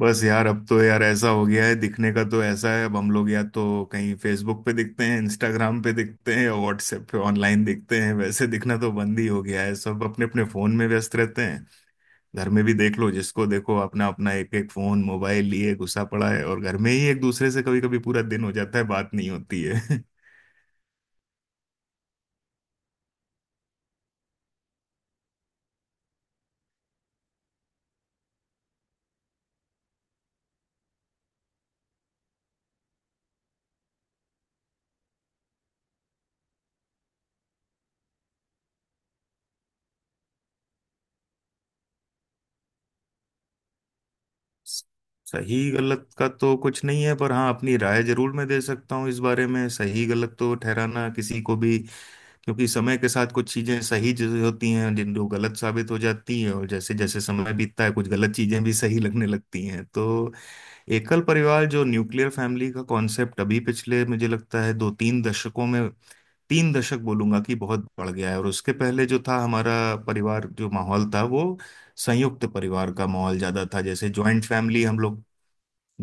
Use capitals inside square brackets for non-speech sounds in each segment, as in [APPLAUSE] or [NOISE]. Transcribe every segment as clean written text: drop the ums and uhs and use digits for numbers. बस यार, अब तो यार ऐसा हो गया है। दिखने का तो ऐसा है, अब हम लोग या तो कहीं फेसबुक पे दिखते हैं, इंस्टाग्राम पे दिखते हैं, या व्हाट्सएप पे ऑनलाइन दिखते हैं। वैसे दिखना तो बंद ही हो गया है। सब अपने अपने फोन में व्यस्त रहते हैं। घर में भी देख लो, जिसको देखो अपना अपना एक एक फोन मोबाइल लिए घुसा पड़ा है, और घर में ही एक दूसरे से कभी कभी पूरा दिन हो जाता है बात नहीं होती है। [LAUGHS] सही गलत का तो कुछ नहीं है, पर हाँ अपनी राय जरूर मैं दे सकता हूँ इस बारे में। सही गलत तो ठहराना किसी को भी, क्योंकि समय के साथ कुछ चीजें सही चीजें होती हैं जिन जो गलत साबित हो जाती हैं, और जैसे जैसे समय बीतता है कुछ गलत चीजें भी सही लगने लगती हैं। तो एकल परिवार जो न्यूक्लियर फैमिली का कॉन्सेप्ट, अभी पिछले मुझे लगता है दो तीन दशकों में, तीन दशक बोलूंगा कि, बहुत बढ़ गया है। और उसके पहले जो था हमारा परिवार, जो माहौल था वो संयुक्त परिवार का माहौल ज्यादा था। जैसे ज्वाइंट फैमिली हम लोग,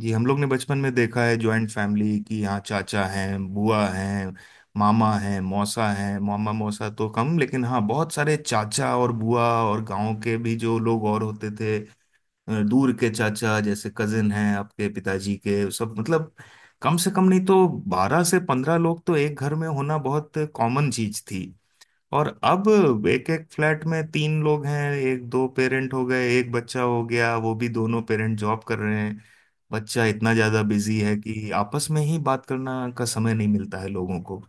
जी हम लोग ने बचपन में देखा है जॉइंट फैमिली की। यहाँ चाचा हैं, बुआ हैं, मामा हैं, मौसा हैं। मामा मौसा तो कम, लेकिन हाँ बहुत सारे चाचा और बुआ और गांव के भी जो लोग और होते थे। दूर के चाचा जैसे कजिन हैं आपके पिताजी के, सब मतलब कम से कम नहीं तो 12 से 15 लोग तो एक घर में होना बहुत कॉमन चीज थी। और अब एक एक फ्लैट में तीन लोग हैं। एक दो पेरेंट हो गए, एक बच्चा हो गया, वो भी दोनों पेरेंट जॉब कर रहे हैं। बच्चा इतना ज्यादा बिजी है कि आपस में ही बात करना का समय नहीं मिलता है लोगों को।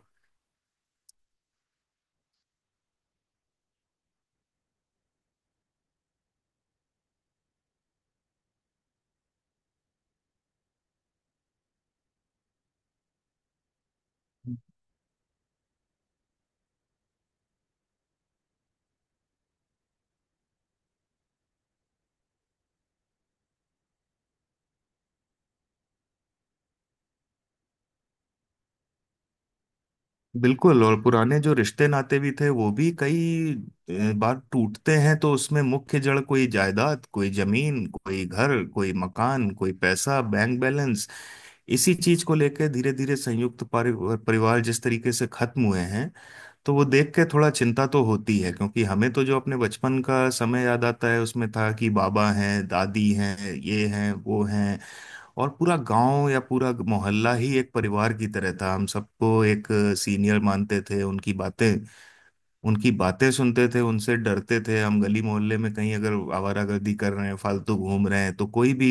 बिल्कुल। और पुराने जो रिश्ते नाते भी थे वो भी कई बार टूटते हैं, तो उसमें मुख्य जड़ कोई जायदाद, कोई जमीन, कोई घर, कोई मकान, कोई पैसा, बैंक बैलेंस। इसी चीज को लेकर धीरे धीरे संयुक्त परिवार जिस तरीके से खत्म हुए हैं, तो वो देख के थोड़ा चिंता तो होती है। क्योंकि हमें तो जो अपने बचपन का समय याद आता है, उसमें था कि बाबा हैं, दादी हैं, ये हैं, वो हैं, और पूरा गांव या पूरा मोहल्ला ही एक परिवार की तरह था। हम सबको एक सीनियर मानते थे, उनकी बातें सुनते थे, उनसे डरते थे। हम गली मोहल्ले में कहीं अगर आवारागर्दी कर रहे हैं, फालतू घूम रहे हैं, तो कोई भी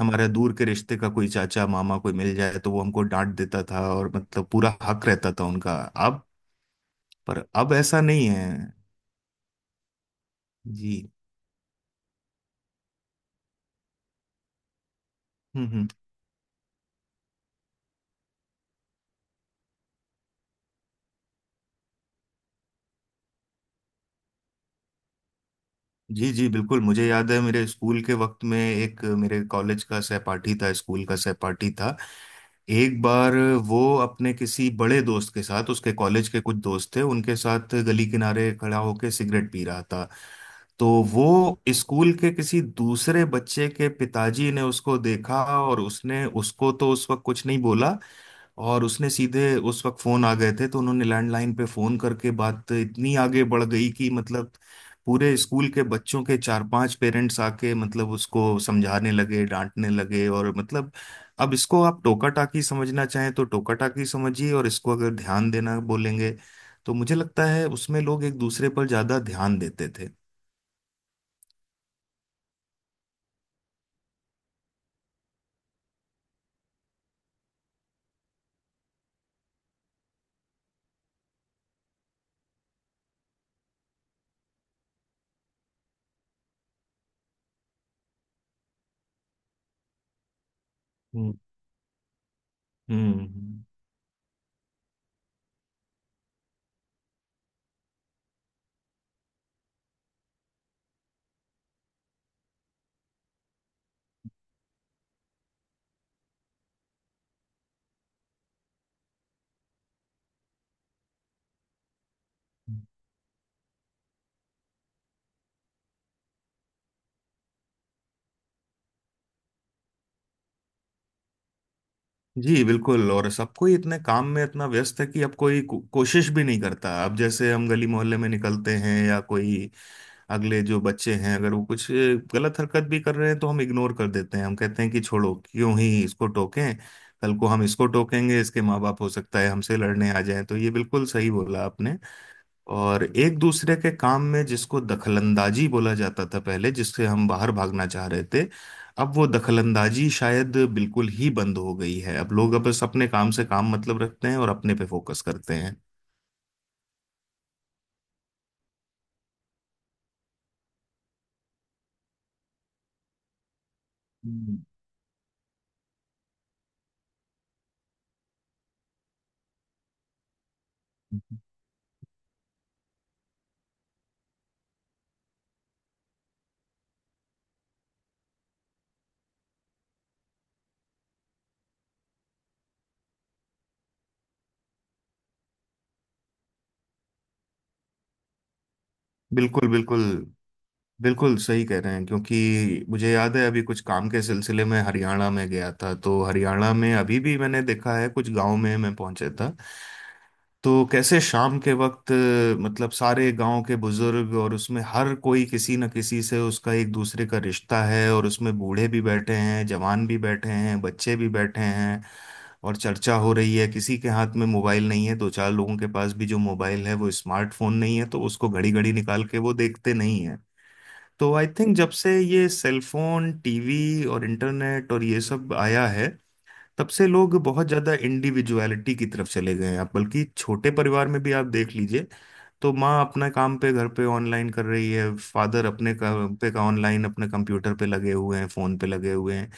हमारे दूर के रिश्ते का कोई चाचा, मामा कोई मिल जाए तो वो हमको डांट देता था, और मतलब पूरा हक रहता था उनका आप पर। अब ऐसा नहीं है। जी। हम्म। हम्म। जी जी, बिल्कुल। मुझे याद है मेरे स्कूल के वक्त में एक मेरे कॉलेज का सहपाठी था, स्कूल का सहपाठी था। एक बार वो अपने किसी बड़े दोस्त के साथ, उसके कॉलेज के कुछ दोस्त थे उनके साथ, गली किनारे खड़ा होकर सिगरेट पी रहा था। तो वो, स्कूल के किसी दूसरे बच्चे के पिताजी ने उसको देखा, और उसने उसको तो उस वक्त कुछ नहीं बोला। और उसने सीधे, उस वक्त फोन आ गए थे तो उन्होंने लैंडलाइन पे फोन करके, बात इतनी आगे बढ़ गई कि मतलब पूरे स्कूल के बच्चों के चार पांच पेरेंट्स आके मतलब उसको समझाने लगे, डांटने लगे। और मतलब, अब इसको आप टोका टाकी समझना चाहें तो टोका टाकी समझिए, और इसको अगर ध्यान देना बोलेंगे, तो मुझे लगता है उसमें लोग एक दूसरे पर ज्यादा ध्यान देते थे। हम्म हम्म। जी, बिल्कुल। और सब कोई इतने काम में इतना व्यस्त है कि अब कोशिश भी नहीं करता। अब जैसे हम गली मोहल्ले में निकलते हैं, या कोई अगले जो बच्चे हैं, अगर वो कुछ गलत हरकत भी कर रहे हैं तो हम इग्नोर कर देते हैं। हम कहते हैं कि छोड़ो, क्यों ही इसको टोकें। कल को हम इसको टोकेंगे, इसके माँ बाप हो सकता है हमसे लड़ने आ जाएं। तो ये बिल्कुल सही बोला आपने। और एक दूसरे के काम में जिसको दखलंदाजी बोला जाता था पहले, जिससे हम बाहर भागना चाह रहे थे, अब वो दखलंदाजी शायद बिल्कुल ही बंद हो गई है। अब लोग अब बस अपने काम से काम मतलब रखते हैं और अपने पे फोकस करते हैं। हम्म। बिल्कुल, बिल्कुल, बिल्कुल सही कह रहे हैं। क्योंकि मुझे याद है अभी कुछ काम के सिलसिले में हरियाणा में गया था। तो हरियाणा में अभी भी मैंने देखा है, कुछ गांव में मैं पहुंचे था। तो कैसे शाम के वक्त मतलब सारे गांव के बुजुर्ग, और उसमें हर कोई किसी न किसी से उसका एक दूसरे का रिश्ता है, और उसमें बूढ़े भी बैठे हैं, जवान भी बैठे हैं, बच्चे भी बैठे हैं, और चर्चा हो रही है। किसी के हाथ में मोबाइल नहीं है। दो चार लोगों के पास भी जो मोबाइल है वो स्मार्टफोन नहीं है, तो उसको घड़ी घड़ी निकाल के वो देखते नहीं है। तो आई थिंक जब से ये सेलफोन, टीवी और इंटरनेट और ये सब आया है, तब से लोग बहुत ज्यादा इंडिविजुअलिटी की तरफ चले गए हैं। आप बल्कि छोटे परिवार में भी आप देख लीजिए, तो माँ अपना काम पे घर पे ऑनलाइन कर रही है, फादर अपने काम पे का ऑनलाइन अपने कंप्यूटर पे लगे हुए हैं, फोन पे लगे हुए हैं।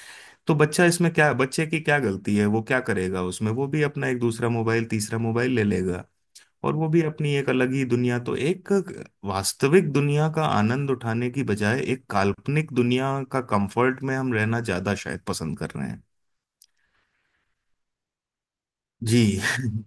तो बच्चा इसमें क्या, बच्चे की क्या गलती है, वो क्या करेगा उसमें, वो भी अपना एक दूसरा मोबाइल, तीसरा मोबाइल ले लेगा, और वो भी अपनी एक अलग ही दुनिया। तो एक वास्तविक दुनिया का आनंद उठाने की बजाय एक काल्पनिक दुनिया का कंफर्ट में हम रहना ज्यादा शायद पसंद कर रहे हैं। जी। [LAUGHS]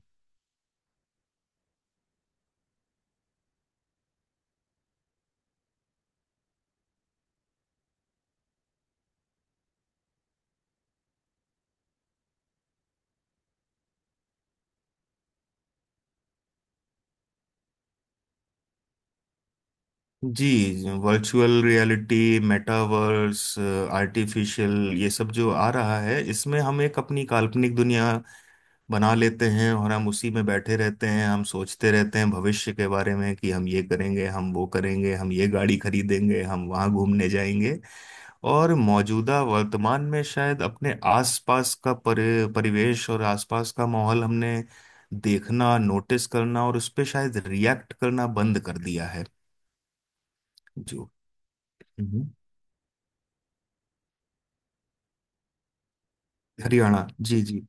जी। वर्चुअल रियलिटी, मेटावर्स, आर्टिफिशियल, ये सब जो आ रहा है, इसमें हम एक अपनी काल्पनिक दुनिया बना लेते हैं, और हम उसी में बैठे रहते हैं। हम सोचते रहते हैं भविष्य के बारे में, कि हम ये करेंगे, हम वो करेंगे, हम ये गाड़ी खरीदेंगे, हम वहाँ घूमने जाएंगे। और मौजूदा वर्तमान में शायद अपने आसपास का परिवेश और आसपास का माहौल हमने देखना, नोटिस करना और उस पर शायद रिएक्ट करना बंद कर दिया है। जो हम्म। हरियाणा, जी जी।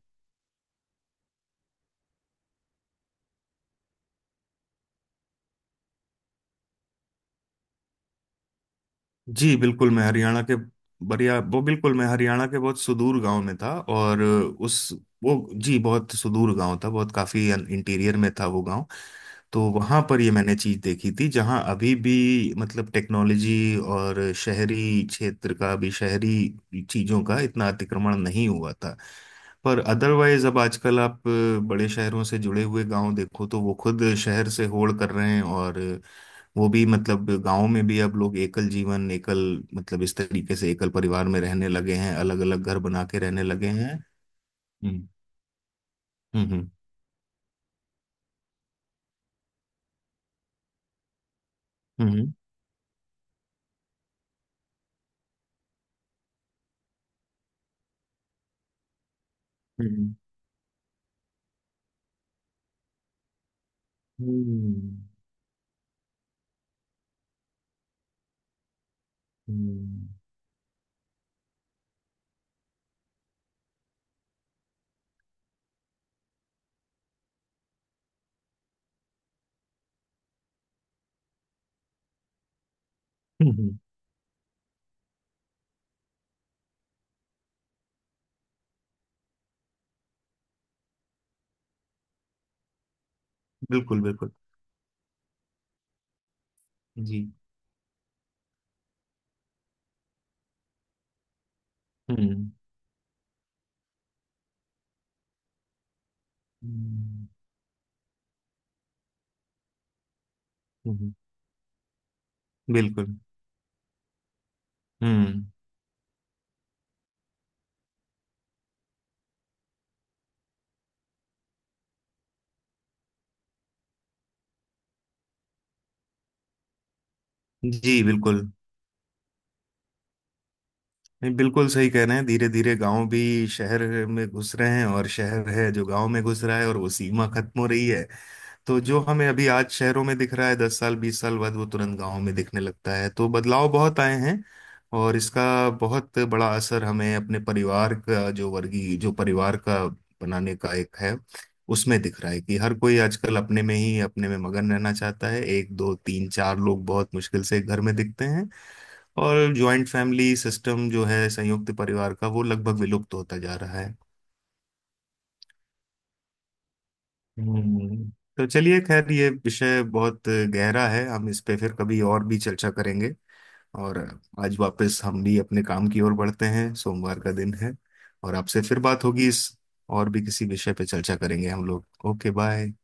जी बिल्कुल, मैं हरियाणा के, बढ़िया। वो बिल्कुल, मैं हरियाणा के बहुत सुदूर गांव में था, और उस वो जी, बहुत सुदूर गांव था। बहुत काफी इंटीरियर में था वो गांव। तो वहां पर ये मैंने चीज देखी थी, जहां अभी भी मतलब टेक्नोलॉजी और शहरी क्षेत्र का, अभी शहरी चीजों का इतना अतिक्रमण नहीं हुआ था। पर अदरवाइज अब आजकल आप बड़े शहरों से जुड़े हुए गांव देखो तो वो खुद शहर से होड़ कर रहे हैं, और वो भी मतलब गांव में भी अब लोग एकल जीवन, एकल मतलब इस तरीके से एकल परिवार में रहने लगे हैं, अलग अलग घर बना के रहने लगे हैं। हम्म, हम्म, हम्म, हम्म, हम्म, हम्म, हम्म, हम्म, बिल्कुल बिल्कुल। जी। हम्म, हम्म, हम्म, बिल्कुल। हम्म। जी, बिल्कुल, नहीं बिल्कुल सही कह रहे हैं। धीरे धीरे गांव भी शहर में घुस रहे हैं, और शहर है जो गांव में घुस रहा है, और वो सीमा खत्म हो रही है। तो जो हमें अभी आज शहरों में दिख रहा है, 10 साल 20 साल बाद वो तुरंत गांव में दिखने लगता है। तो बदलाव बहुत आए हैं, और इसका बहुत बड़ा असर हमें अपने परिवार का, जो वर्गीय जो परिवार का बनाने का एक है, उसमें दिख रहा है। कि हर कोई आजकल अपने में ही, अपने में मगन रहना चाहता है। एक दो तीन चार लोग बहुत मुश्किल से एक घर में दिखते हैं, और ज्वाइंट फैमिली सिस्टम जो है, संयुक्त परिवार का, वो लगभग विलुप्त होता जा रहा है। हम्म। तो चलिए, खैर ये विषय बहुत गहरा है, हम इस पे फिर कभी और भी चर्चा करेंगे। और आज वापस हम भी अपने काम की ओर बढ़ते हैं, सोमवार का दिन है। और आपसे फिर बात होगी, इस और भी किसी विषय पे चर्चा करेंगे हम लोग। Okay bye.